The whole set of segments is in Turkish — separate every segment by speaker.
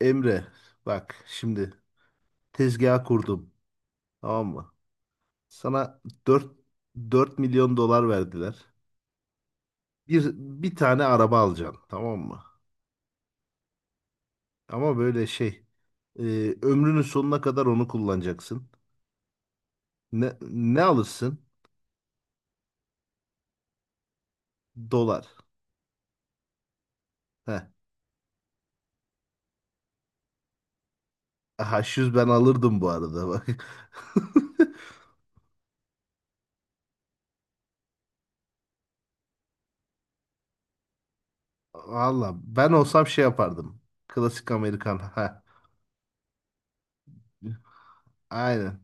Speaker 1: Emre bak şimdi tezgah kurdum tamam mı? Sana 4 4 milyon dolar verdiler. Bir tane araba alacaksın tamam mı? Ama böyle şey e, ömrünün sonuna kadar onu kullanacaksın. Ne alırsın? Dolar. Heh. H100 ben alırdım bu arada bak. Valla ben olsam şey yapardım. Klasik Amerikan. Ha. Aynen.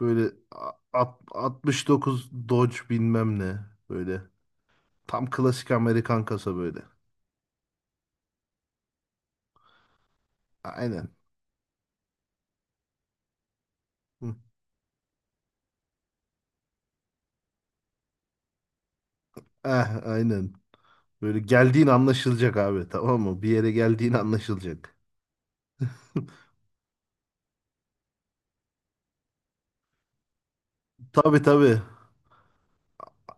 Speaker 1: Böyle 69 Dodge bilmem ne. Böyle. Tam klasik Amerikan kasa böyle. Aynen. Hı. Aynen. Böyle geldiğin anlaşılacak abi tamam mı? Bir yere geldiğin anlaşılacak. Tabii tabii.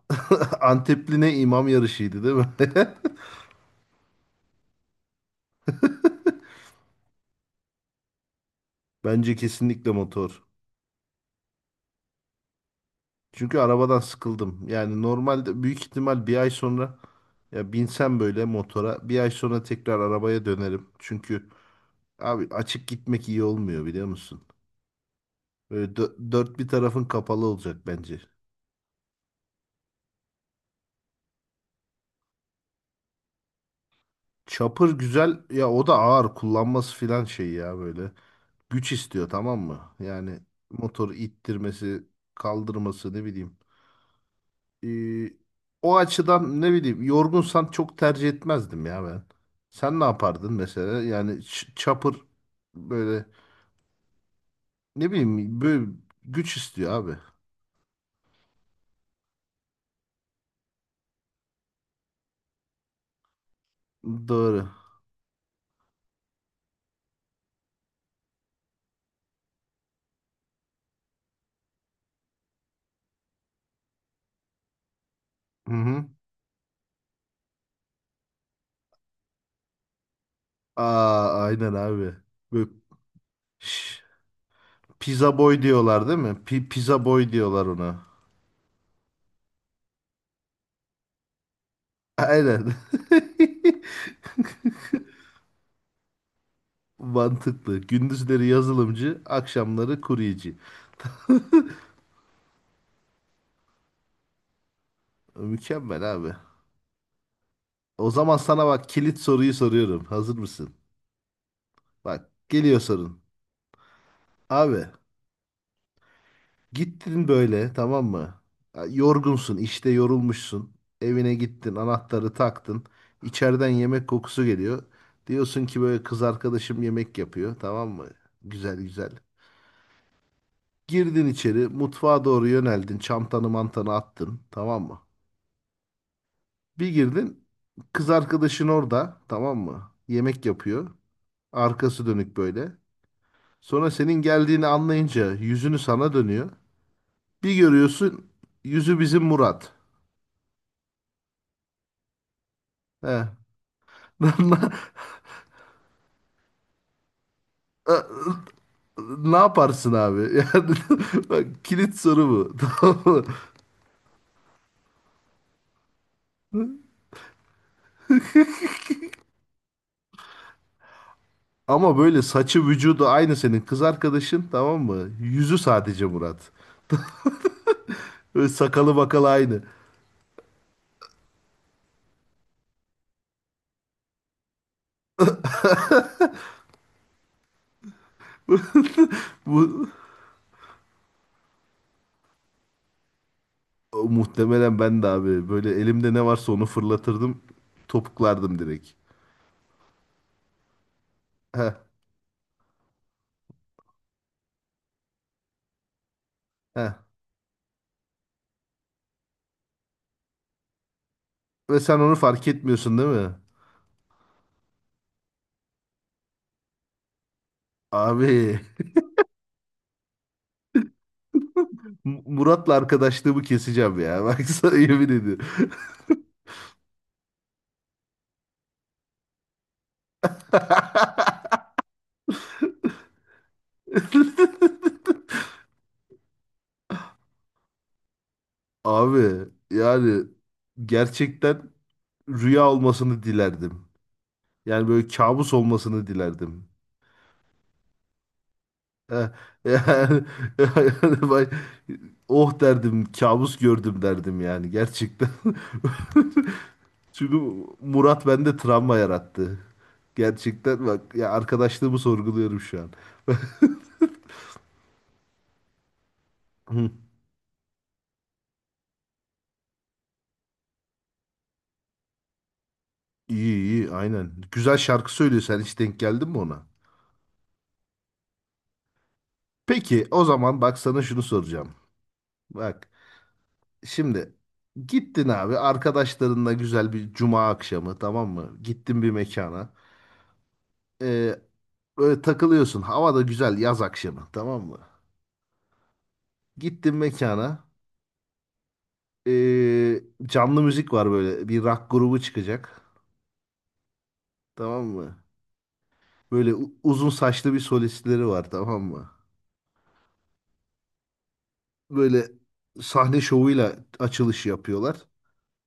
Speaker 1: Antepli ne imam yarışıydı değil mi? Bence kesinlikle motor. Çünkü arabadan sıkıldım. Yani normalde büyük ihtimal bir ay sonra ya binsem böyle motora bir ay sonra tekrar arabaya dönerim. Çünkü abi açık gitmek iyi olmuyor biliyor musun? Böyle dört bir tarafın kapalı olacak bence. Chopper güzel ya o da ağır kullanması filan şey ya böyle. Güç istiyor tamam mı? Yani motoru ittirmesi, kaldırması ne bileyim. Ee, o açıdan ne bileyim yorgunsan çok tercih etmezdim ya ben. Sen ne yapardın mesela? Yani Chopper böyle ne bileyim böyle güç istiyor abi. Doğru. Hı hı. Aynen abi. Böyle, şş, pizza boy diyorlar değil mi? Pizza boy diyorlar ona. Aynen. Mantıklı. Gündüzleri yazılımcı, akşamları kuryeci. Mükemmel abi. O zaman sana bak kilit soruyu soruyorum. Hazır mısın? Bak geliyor sorun. Abi gittin böyle tamam mı? Ya, yorgunsun işte yorulmuşsun. Evine gittin anahtarı taktın. İçeriden yemek kokusu geliyor. Diyorsun ki böyle kız arkadaşım yemek yapıyor tamam mı? Güzel güzel. Girdin içeri mutfağa doğru yöneldin. Çantanı mantanı attın tamam mı? Bir girdin kız arkadaşın orada tamam mı? Yemek yapıyor. Arkası dönük böyle. Sonra senin geldiğini anlayınca yüzünü sana dönüyor. Bir görüyorsun yüzü bizim Murat. He. Na- e, Ne yaparsın abi? Yani bak kilit soru bu. Tamam mı? Ama böyle saçı vücudu aynı senin kız arkadaşın tamam mı? Yüzü sadece Murat. Böyle sakalı bakalı aynı. Bu O, muhtemelen ben de abi böyle elimde ne varsa onu fırlatırdım. Topuklardım direkt. Heh, heh. Ve sen onu fark etmiyorsun değil mi? Abi Murat'la arkadaşlığımı keseceğim ya. Bak sana yemin ediyorum. Abi yani gerçekten rüya olmasını dilerdim. Yani böyle kabus olmasını dilerdim. Ha, yani, yani oh derdim kabus gördüm derdim yani gerçekten. Çünkü Murat bende travma yarattı. Gerçekten bak ya arkadaşlığımı sorguluyorum şu an. Hı, İyi iyi aynen. Güzel şarkı söylüyor sen hiç denk geldin mi ona? Peki o zaman bak sana şunu soracağım. Bak şimdi gittin abi arkadaşlarınla güzel bir cuma akşamı tamam mı? Gittin bir mekana. Ee, Böyle takılıyorsun. Hava da güzel yaz akşamı tamam mı? Gittin mekana. Canlı müzik var böyle. Bir rock grubu çıkacak. Tamam mı? Böyle uzun saçlı bir solistleri var tamam mı? Böyle sahne şovuyla açılış yapıyorlar.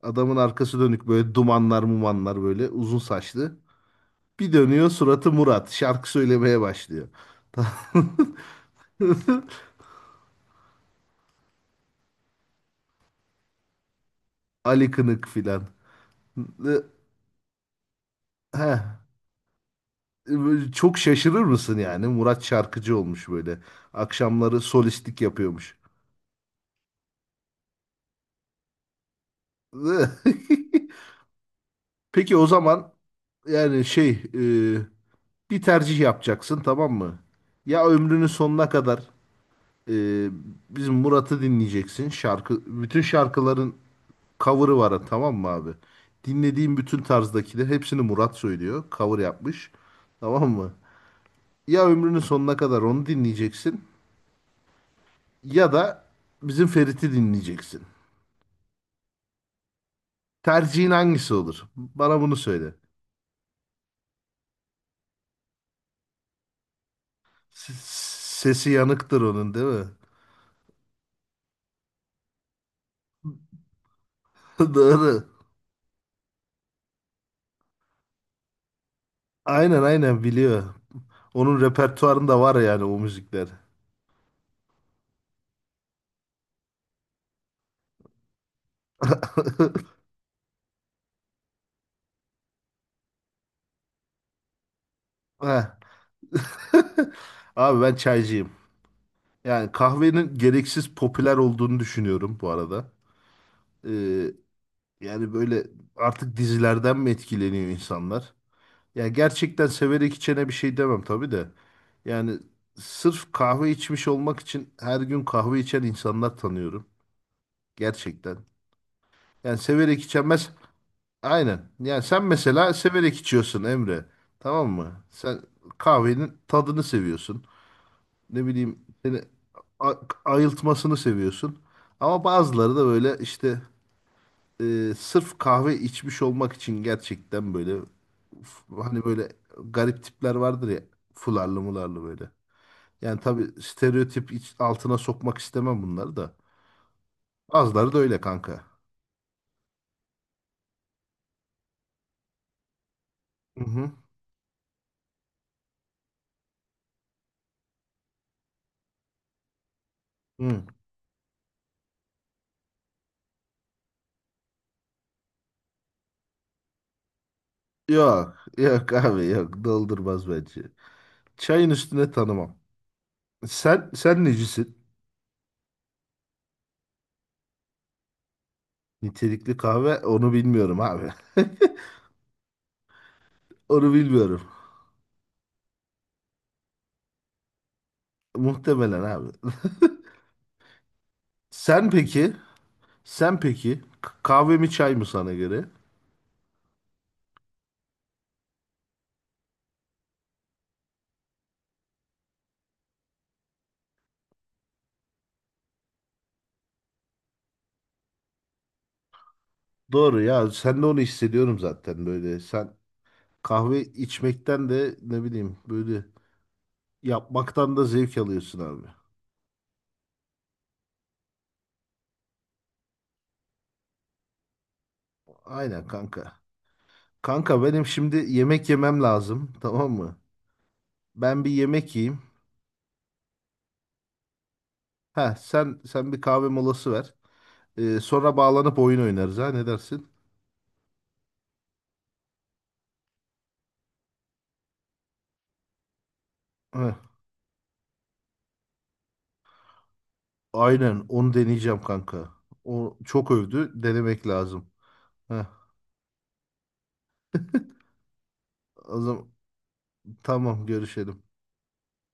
Speaker 1: Adamın arkası dönük böyle dumanlar mumanlar böyle uzun saçlı. Bir dönüyor suratı Murat. Şarkı söylemeye başlıyor. Ali Kınık filan. He, böyle çok şaşırır mısın yani? Murat şarkıcı olmuş böyle. Akşamları solistlik yapıyormuş. Peki o zaman yani şey e, bir tercih yapacaksın tamam mı? Ya ömrünün sonuna kadar e, bizim Murat'ı dinleyeceksin. Şarkı bütün şarkıların cover'ı var tamam mı abi? Dinlediğin bütün tarzdakiler hepsini Murat söylüyor. Cover yapmış. Tamam mı? Ya ömrünün sonuna kadar onu dinleyeceksin ya da bizim Ferit'i dinleyeceksin. Tercihin hangisi olur? Bana bunu söyle. S- Sesi yanıktır onun değil mi? Doğru. Aynen aynen biliyor. Onun repertuarında var yani o müzikler. Heh. Abi ben çaycıyım. Yani kahvenin gereksiz popüler olduğunu düşünüyorum bu arada. Ee, yani böyle artık dizilerden mi etkileniyor insanlar? Ya gerçekten severek içene bir şey demem tabii de. Yani sırf kahve içmiş olmak için her gün kahve içen insanlar tanıyorum. Gerçekten. Yani severek içemez. Aynen. Yani sen mesela severek içiyorsun Emre. Tamam mı? Sen kahvenin tadını seviyorsun. Ne bileyim seni a- ayıltmasını seviyorsun. Ama bazıları da böyle işte sırf kahve içmiş olmak için gerçekten böyle hani böyle garip tipler vardır ya fularlı mularlı böyle. Yani tabii stereotip altına sokmak istemem bunları da. Bazıları da öyle kanka. Hı hı. Hı. Yok, yok abi yok. Doldurmaz bence. Çayın üstüne tanımam. Sen necisin? Nitelikli kahve onu bilmiyorum abi. Onu bilmiyorum. Muhtemelen abi. Sen peki? Sen peki? Kahve mi çay mı sana göre? Doğru ya. Sen de onu hissediyorum zaten böyle. Sen kahve içmekten de ne bileyim böyle yapmaktan da zevk alıyorsun abi. Aynen kanka. Kanka benim şimdi yemek yemem lazım. Tamam mı? Ben bir yemek yiyeyim. Ha sen bir kahve molası ver. Sonra bağlanıp oyun oynarız ha ne dersin? Heh, aynen onu deneyeceğim kanka. O çok övdü. Denemek lazım. Heh, o zaman tamam görüşelim.